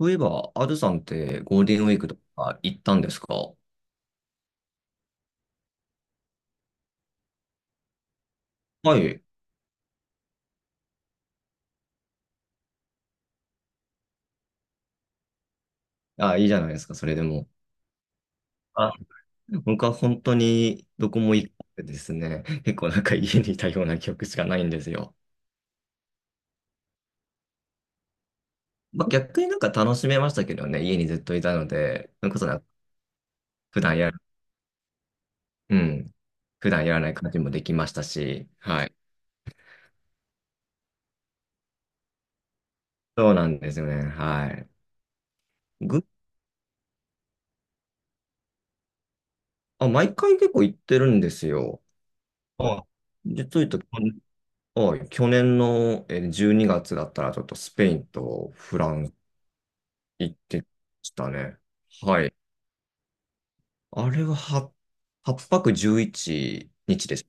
そういえば、アドさんってゴールデンウィークとか行ったんですか？はい。あ、いいじゃないですか、それでも。僕は本当にどこも行ってですね、結構なんか家にいたような記憶しかないんですよ。まあ、逆になんか楽しめましたけどね、家にずっといたので、それこそなんか普段やる、うん、普段やらない感じもできましたし、はい。そうなんですよね、はい。あ、毎回結構行ってるんですよ。あ、実を言うと、はい、去年の12月だったら、ちょっとスペインとフランス行ってましたね。はい。あれは8泊11日です。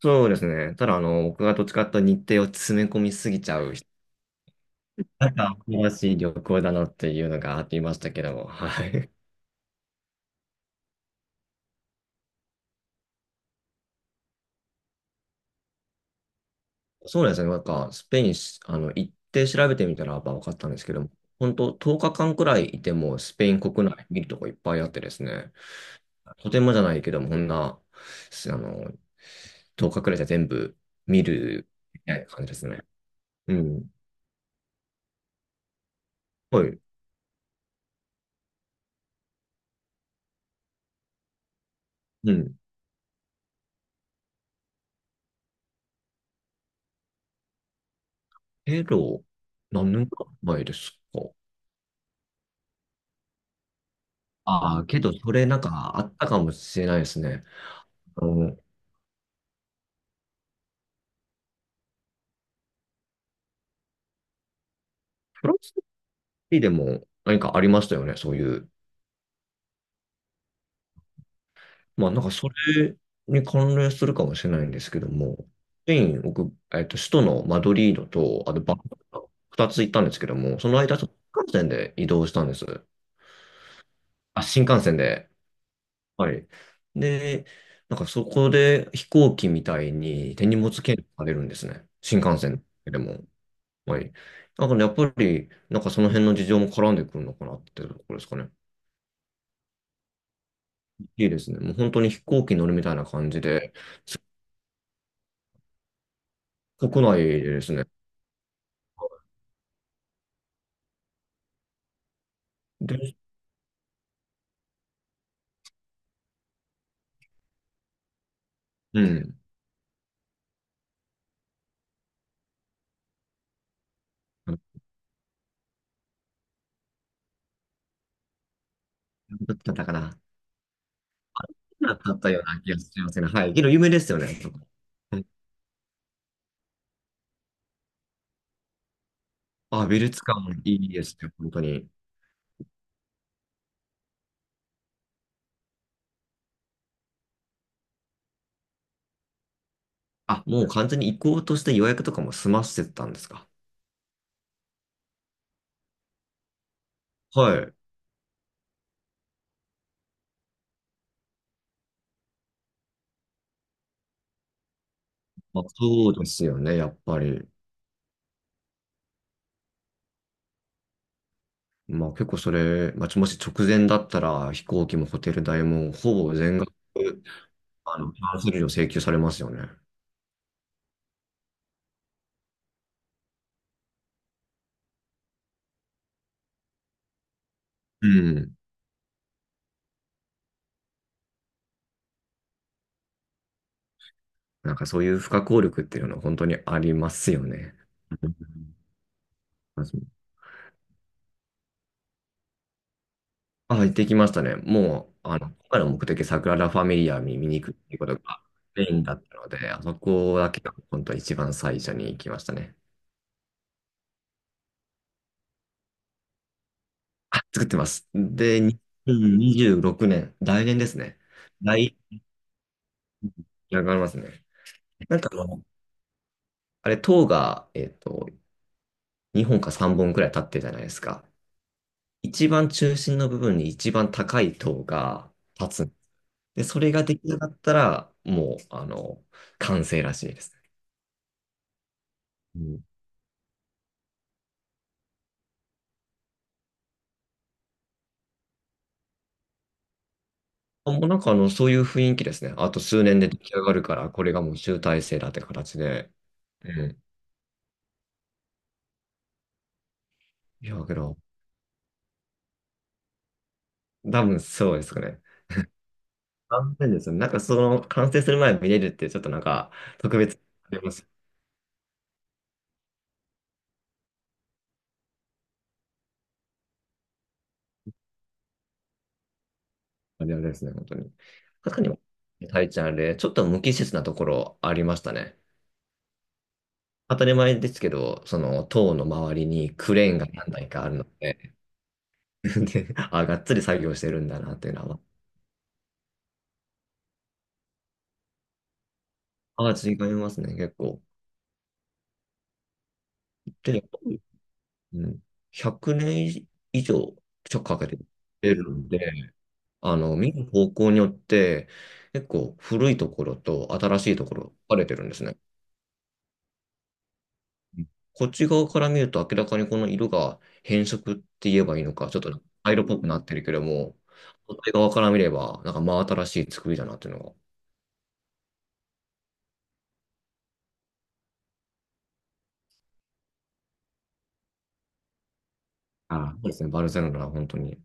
そうですね。ただ、あの、僕がどっちかというと日程を詰め込みすぎちゃう人、なんか、新しい旅行だなっていうのがあっていましたけども、はい。そうですね。なんか、スペイン行って調べてみたら、やっぱ分かったんですけども、本当10日間くらいいても、スペイン国内見るとこいっぱいあってですね。とてもじゃないけども、こんな、すあの、10日くらいじゃ全部見るみたいな感じですね。うん。はい。うん。けど、何年か前ですか？ああ、けど、それなんかあったかもしれないですね。あの、フランスでも何かありましたよね、そういう。まあ、なんかそれに関連するかもしれないんですけども、スペイン、僕、首都のマドリードと、あとバルセロナ、二つ行ったんですけども、その間、ちょっと新幹線で移動したんです。あ、新幹線で。はい。で、なんかそこで飛行機みたいに手荷物検査されるんですね。新幹線でも。はい。だからやっぱり、なんかその辺の事情も絡んでくるのかなっていうところですかね。いいですね。もう本当に飛行機に乗るみたいな感じで、国内でですね。で、うん。だったかな。だったような気がしますね。はい。けど有名ですよね。うん美術館もいいですね。本当に。あ、もう完全に移行として予約とかも済ませてたんですか？はい。まあ、そうですよね、やっぱり。まあ結構それ、まあ、もし直前だったら飛行機もホテル代もほぼ全額、キャンセル料請求されますよね。うん。なんかそういう不可抗力っていうのは本当にありますよね。うん。行ってきましたね。もう、あの、今回の目的、サグラダ・ファミリアに見に行くっていうことがメインだったので、あそこだけが本当一番最初に行きましたね。あ、作ってます。で、2026年、来年ですね。来、上がりますね。なんかあれ、塔が、2本か3本くらい立ってるじゃないですか。一番中心の部分に一番高い塔が立つ。で、それが出来上がったら、もう、完成らしいです。うん。もうなんかそういう雰囲気ですね。あと数年で出来上がるから、これがもう集大成だって形で。うん。いや、けど、多分そうですかね。残念ですね。なんかその完成する前に見れるってちょっとなんか特別あります。あれですね、本当に。確かに、タイちゃんあれ、ちょっと無機質なところありましたね。当たり前ですけど、その塔の周りにクレーンが何台かあるので、で、あ、がっつり作業してるんだなっていうのは。まあ、違いますね、結構。で、うん、100年以上ちょっとかけてるんで、見る方向によって、結構古いところと新しいところ分かれてるんですね。うん。こっち側から見ると明らかにこの色が変色って言えばいいのか、ちょっと灰色っぽくなってるけども、反対側から見れば、なんか真新しい作りだなっていうのが。あ、そうですね、バルセロナは本当に。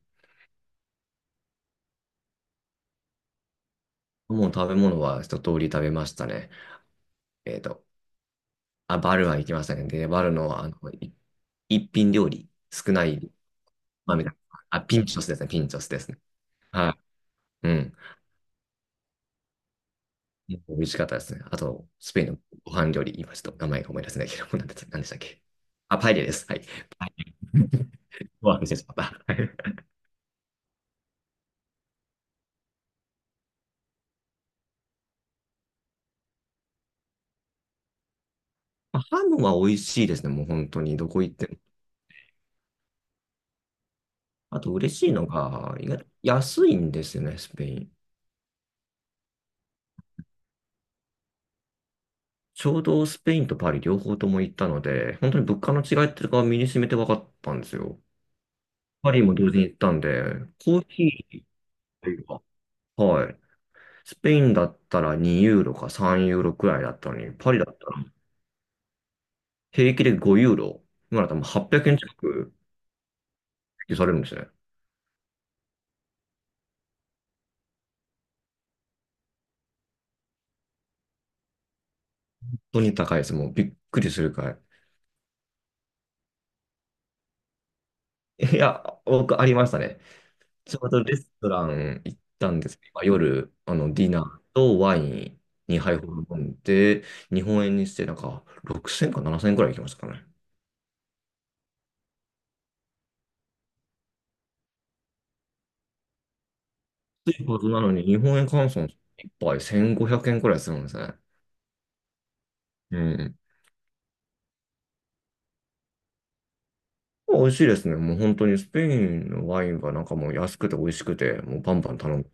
もう食べ物は一通り食べましたね。えっと、あ、バルは行きましたね。で、バルの、一品料理、少ない、まあ、みたいな。あ、ピンチョスですね、ピンチョスですね。はい。うん。美味しかったですね。あと、スペインのご飯料理、今ちょっと名前が思い出せないけど、何でしたっけ？あ、パエリアです。はい。ご飯ですてしまった。はい。あ、ハムは美味しいですね。もう本当に、どこ行っても。あと、嬉しいのが、意外と安いんですよね、スペイン。ちょうどスペインとパリ両方とも行ったので、本当に物価の違いっていうのが身に染めて分かったんですよ。パリも同時に行ったんで、コーヒーというか、はい。スペインだったら2ユーロか3ユーロくらいだったのに、パリだったら平気で5ユーロ。今だともう800円近く支給されるんですね。本当に高いです。もうびっくりするくらい。いや、僕ありましたね。ちょうどレストラン行ったんですけど、まあ夜、ディナーとワイン2杯ほど飲んで、日本円にしてなんか6000か7000円くらい行きましたかね。安いはずなのに、日本円換算一杯1500円くえんくらいするんですね。うん。美味しいですね。もう本当にスペインのワインがなんかもう安くて美味しくて、もうバンバン頼む。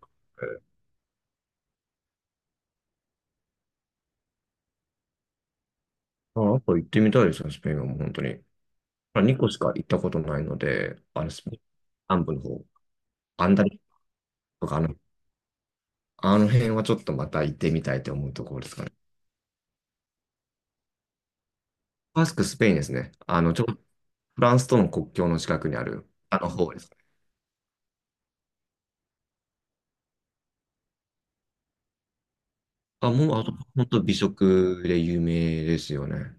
あ、あと行ってみたいですね、スペインはもう本当に。まあ、2個しか行ったことないので、スペイン南部の方、アンダリとかあの辺はちょっとまた行ってみたいと思うところですかね。バスク、スペインですね。フランスとの国境の近くにある、あの方ですね。あ、もう、あと、本当美食で有名ですよね。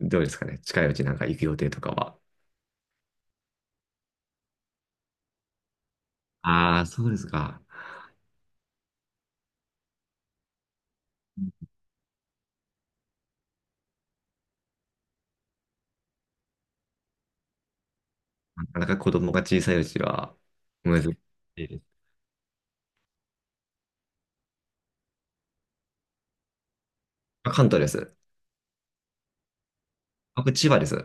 どうですかね。近いうちなんか行く予定とかは？ああ、そうですか。なかなか子供が小さいうちは、難しいです。あ、関東です。僕、千葉です。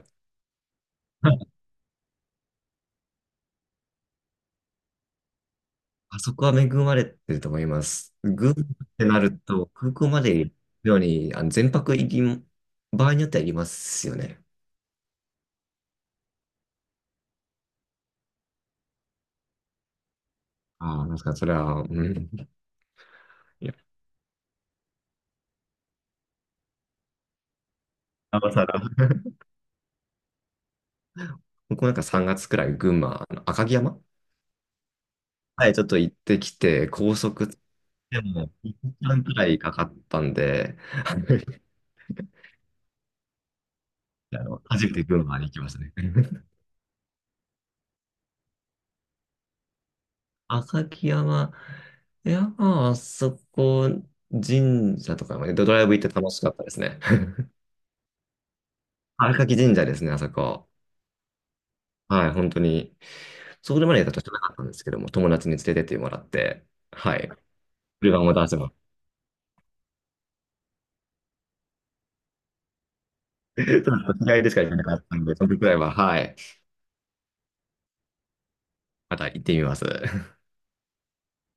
あそこは恵まれてると思います。群馬ってなると、空港まで行くように、全泊行きも、場合によっては行きますよね。ああ、なんかそれは、うん。いや、なおさら。僕もなんか3月くらい群馬、あの赤城山はい、ちょっと行ってきて、高速でも1時間くらいかかったんで、あの、初めて群馬に行きましたね。赤城山、いや、まあ、あそこ、神社とかまでドライブ行って楽しかったですね。あ、荒垣神社ですね、あそこ。はい、本当に。それまでだと知らなかったんですけども、友達に連れてってもらって、はい、車も出してます。ちょっと気合でしか行けなかったんで、その時くらいは、はい、また行ってみます。